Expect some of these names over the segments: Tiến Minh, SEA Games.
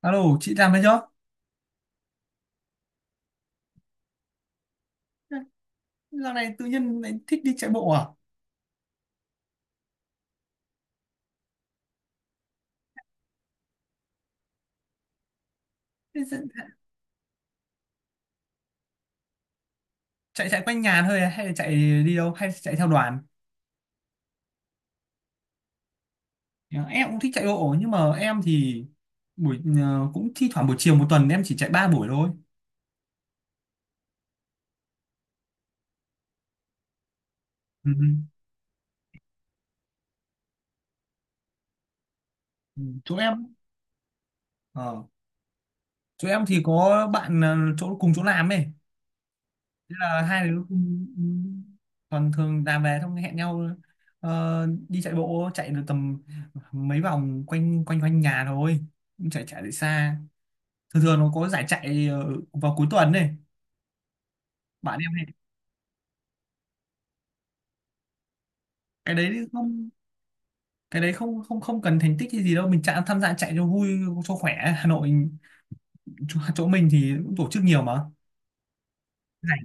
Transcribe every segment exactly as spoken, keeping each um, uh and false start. Alo, chị làm đấy chưa? Dạo này tự nhiên lại thích đi chạy bộ à? Thế dự- Chạy chạy quanh nhà thôi à? Hay là chạy đi đâu hay chạy theo đoàn? Dạ, em cũng thích chạy bộ nhưng mà em thì buổi ờ, cũng thi thoảng buổi chiều, một tuần em chỉ chạy ba buổi thôi. Ừ. Ừ. Chỗ em ờ, Chỗ em thì có bạn, ờ, chỗ cùng chỗ làm ấy. Thế là hai đứa cùng còn thường làm về xong hẹn nhau, ờ, đi chạy bộ, chạy được tầm mấy vòng quanh quanh quanh nhà thôi. Cũng chạy chạy được xa. Thường thường nó có giải chạy ờ, vào cuối tuần này bạn em hay. Cái đấy không, cái đấy không không không cần thành tích hay gì đâu, mình chạy tham gia chạy cho vui cho khỏe. Hà Nội chỗ, chỗ mình thì cũng tổ chức nhiều mà giải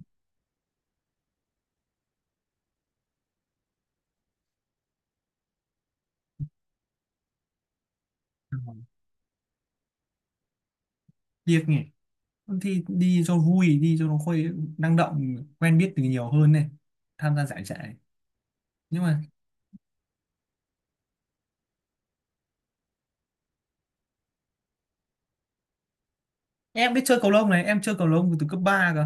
việc nhỉ, thì đi cho vui, đi cho nó khuây, năng động, quen biết từ nhiều hơn này, tham gia giải chạy nhưng mà em biết chơi cầu lông này, em chơi cầu lông từ cấp ba cơ.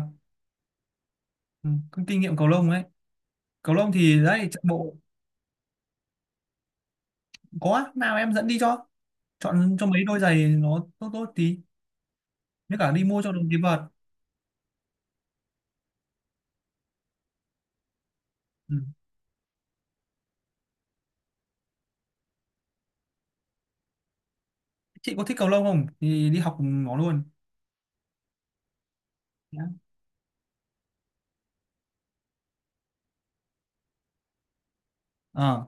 Ừ, có kinh nghiệm cầu lông đấy. Cầu lông thì đấy, chạy bộ có nào em dẫn đi cho, chọn cho mấy đôi giày nó tốt tốt tí. Nếu cả đi mua cho đúng cái vợt. Ừ. Chị có thích cầu lông không? Thì đi học cùng nó luôn. Nhá. Ờ.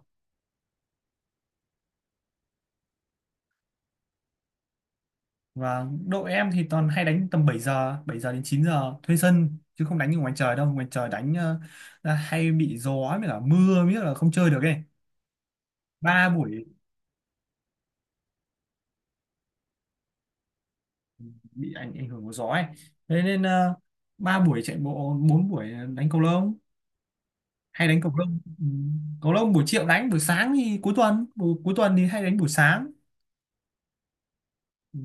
Và đội em thì toàn hay đánh tầm bảy giờ, bảy giờ đến chín giờ thuê sân, chứ không đánh ở ngoài trời đâu, ngoài trời đánh ờ, là hay bị gió với cả mưa, biết là không chơi được ấy. Ba buổi bị ảnh ảnh hưởng của gió ấy. Thế nên ờ, ba buổi chạy bộ, bốn buổi đánh cầu lông, hay đánh cầu lông. Ừ. Cầu lông buổi chiều đánh, buổi sáng thì cuối tuần, buổi cuối tuần thì hay đánh buổi sáng. Ừ.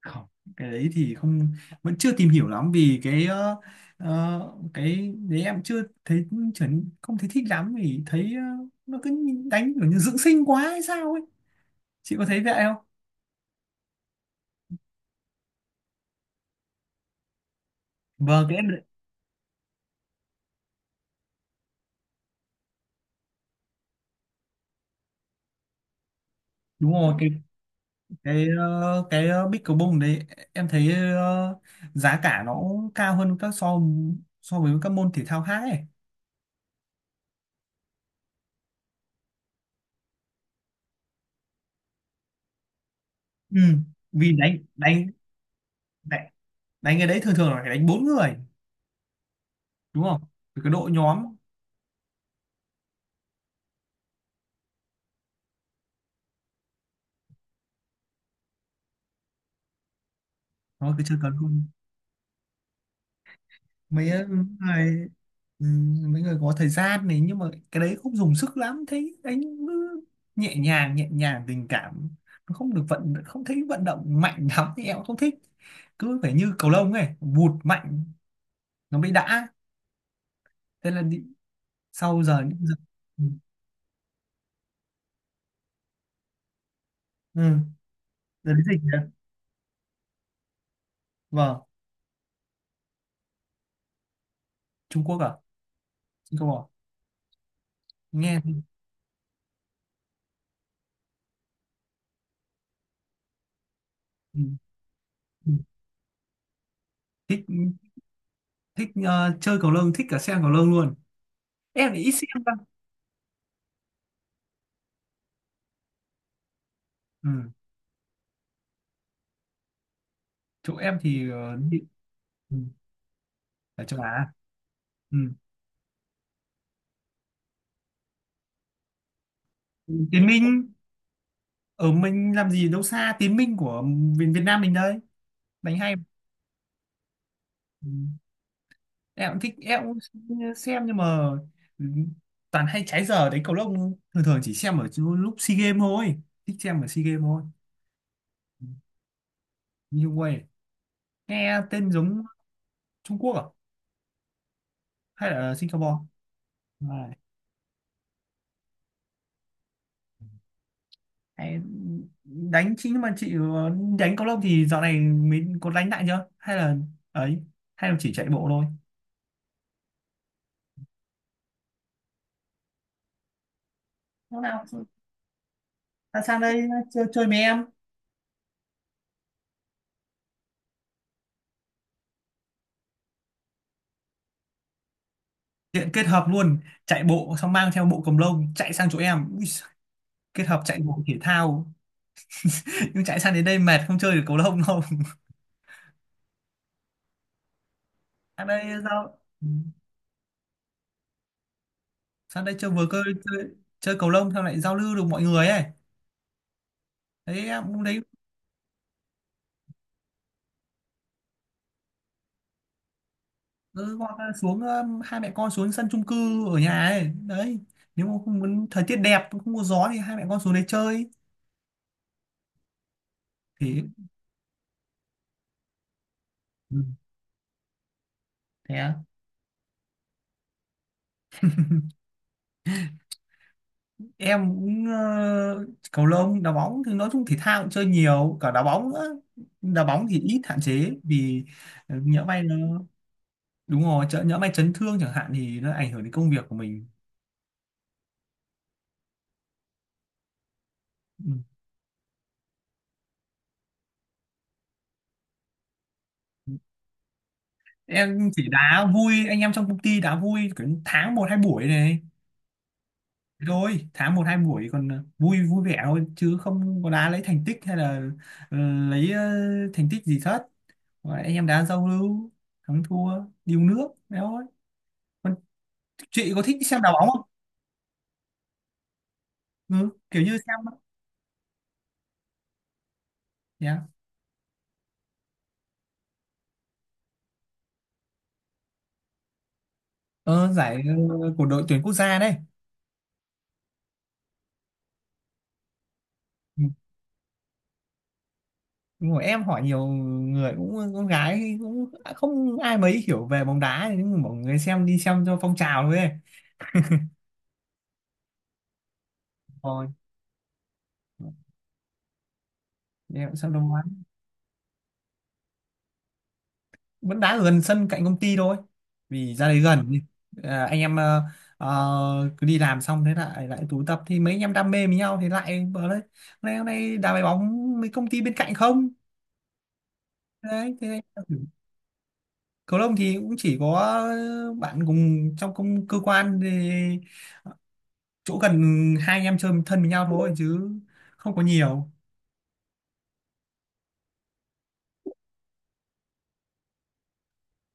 Không, cái đấy thì không, vẫn chưa tìm hiểu lắm vì cái ờ, ờ, cái đấy em chưa thấy trở, không thấy thích lắm vì thấy ờ, nó cứ đánh kiểu như dưỡng sinh quá hay sao ấy, chị có thấy vậy không? Vâng, cái em đúng rồi, cái cái ờ, cái ờ, pickleball đấy em thấy ờ, giá cả nó cao hơn các so, so với các môn thể thao khác ấy. Ừ. Vì đánh đánh đánh đánh cái đấy thường thường là phải đánh bốn người, đúng không? Vì cái đội nhóm nó cứ chơi cần mấy người, ừ, mấy người có thời gian này, nhưng mà cái đấy không dùng sức lắm, thấy anh cứ nhẹ nhàng, nhẹ nhàng tình cảm, nó không được vận, không thấy vận động mạnh lắm thì em cũng không thích, cứ phải như cầu lông ấy vụt mạnh nó mới đã. Thế là đi, sau giờ những giờ ừ. Ừ, giờ đến dịch nhỉ. Vâng. Trung Quốc à? Trung Quốc à? Nghe ừ. Ừ. Ừ. Thích, thích ờ, chơi cầu lông, thích cả xem cầu lông luôn, em thì ít xem cơ. Ừ. Chỗ em thì ờ, đi- ừ. Ở châu Á. Ừ. Tiến Minh, ở mình làm gì đâu xa, Tiến Minh của Việt, Việt Nam mình đây, đánh hay. Ừ. Em cũng thích, em cũng xem nhưng mà ừ, toàn hay trái giờ đấy cầu lông, thường thường chỉ xem ở chỗ lúc SEA Games thôi, thích xem ở SEA Games thôi. Ừ. Như vậy nghe tên giống Trung Quốc à, hay là Singapore à. Hay- đánh chính nhưng mà chị ờ, đánh cầu lông thì dạo này mình có đánh lại chưa, hay là ấy, hay là chỉ chạy bộ thôi? Lúc nào sang sang đây chơi, chơi với em. Hiện kết hợp luôn, chạy bộ xong mang theo bộ cầu lông chạy sang chỗ em. Ui, giời, kết hợp chạy bộ thể thao, nhưng chạy sang đến đây mệt không chơi được cầu lông đâu. Sang đây giao. Ừ, sang đây chơi vừa cơ chơi, chơi cầu lông xong lại giao lưu được mọi người ấy, đấy em cũng đấy. Ừ, hoặc là xuống um, hai mẹ con xuống sân chung cư ở nhà ấy đấy, nếu mà không muốn, thời tiết đẹp không có gió thì hai mẹ con xuống đấy chơi thì ừ. Thế em cũng ờ, cầu lông, đá bóng thì nói chung thể thao cũng chơi nhiều, cả đá bóng nữa. Đá bóng thì ít, hạn chế vì ờ, nhỡ may nó đúng rồi, chợ nhỡ may chấn thương chẳng hạn thì nó ảnh hưởng đến công việc của mình. Ừ. Em chỉ đá vui anh em trong công ty, đá vui kiểu tháng một hai buổi này. Thế thôi, tháng một hai buổi còn ờ, vui vui vẻ thôi chứ không có đá lấy thành tích, hay là ờ, lấy ờ, thành tích gì hết. Và anh em đá giao lưu, thắng thua điêu nước đấy thôi. Chị có thích xem đá bóng không? Ừ, kiểu như xem. Yeah. ờ, giải ờ, của đội tuyển quốc gia đây. Ừ. Đúng rồi, em hỏi nhiều người cũng con gái cũng không ai mấy hiểu về bóng đá, nhưng mà mọi người xem đi xem cho phong trào thôi ấy. Rồi, em cũng xem đông lắm. Vẫn đá ở gần sân cạnh công ty thôi vì ra đấy gần. À, anh em ờ, ờ, cứ đi làm xong thế lại lại tụ tập thì mấy anh em đam mê với nhau thì lại bảo đấy, hôm nay hôm nay đá bài bóng mấy công ty bên cạnh không, đấy thế. Cầu lông thì cũng chỉ có ờ, bạn cùng trong công, cơ quan thì chỗ gần, hai anh em chơi thân với nhau thôi chứ không có nhiều.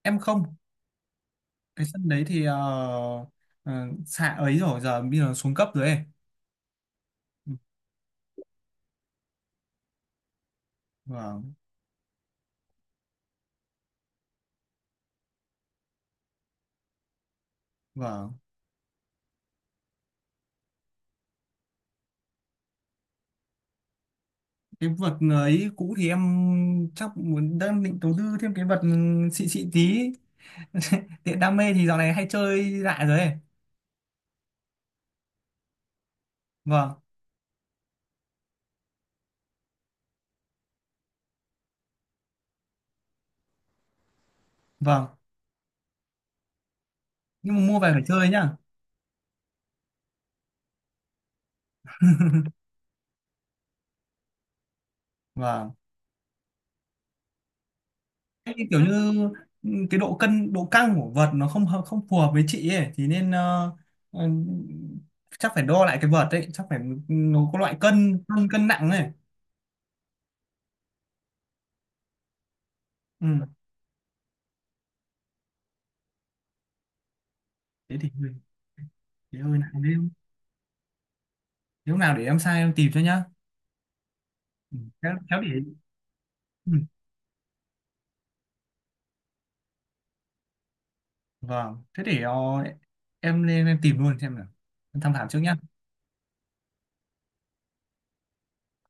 Em không, cái sân đấy thì ờ, ờ, xạ ấy rồi, giờ bây giờ xuống cấp rồi ấy. Vâng. Vâng, cái vật ấy cũ thì em chắc muốn, đang định đầu tư thêm cái vật xịn xịn tí, tiện đam mê thì dạo này hay chơi lại rồi ấy. Vâng. Vâng, nhưng mà mua về phải chơi nhá. Vâng. Thế thì kiểu như cái độ cân, độ căng của vật nó không hợp- không phù hợp với chị ấy thì nên ờ, ờ, chắc phải đo lại cái vật ấy, chắc phải, nó có loại cân, cân cân nặng này. Ừ. Thế thì hơi, thế hơi nặng đấy. Nếu nào để em sai em tìm cho nhá. Ừ, khéo khéo để ừ. Vâng, thế để ờ, em lên em tìm luôn xem nào, em tham khảo trước nhá.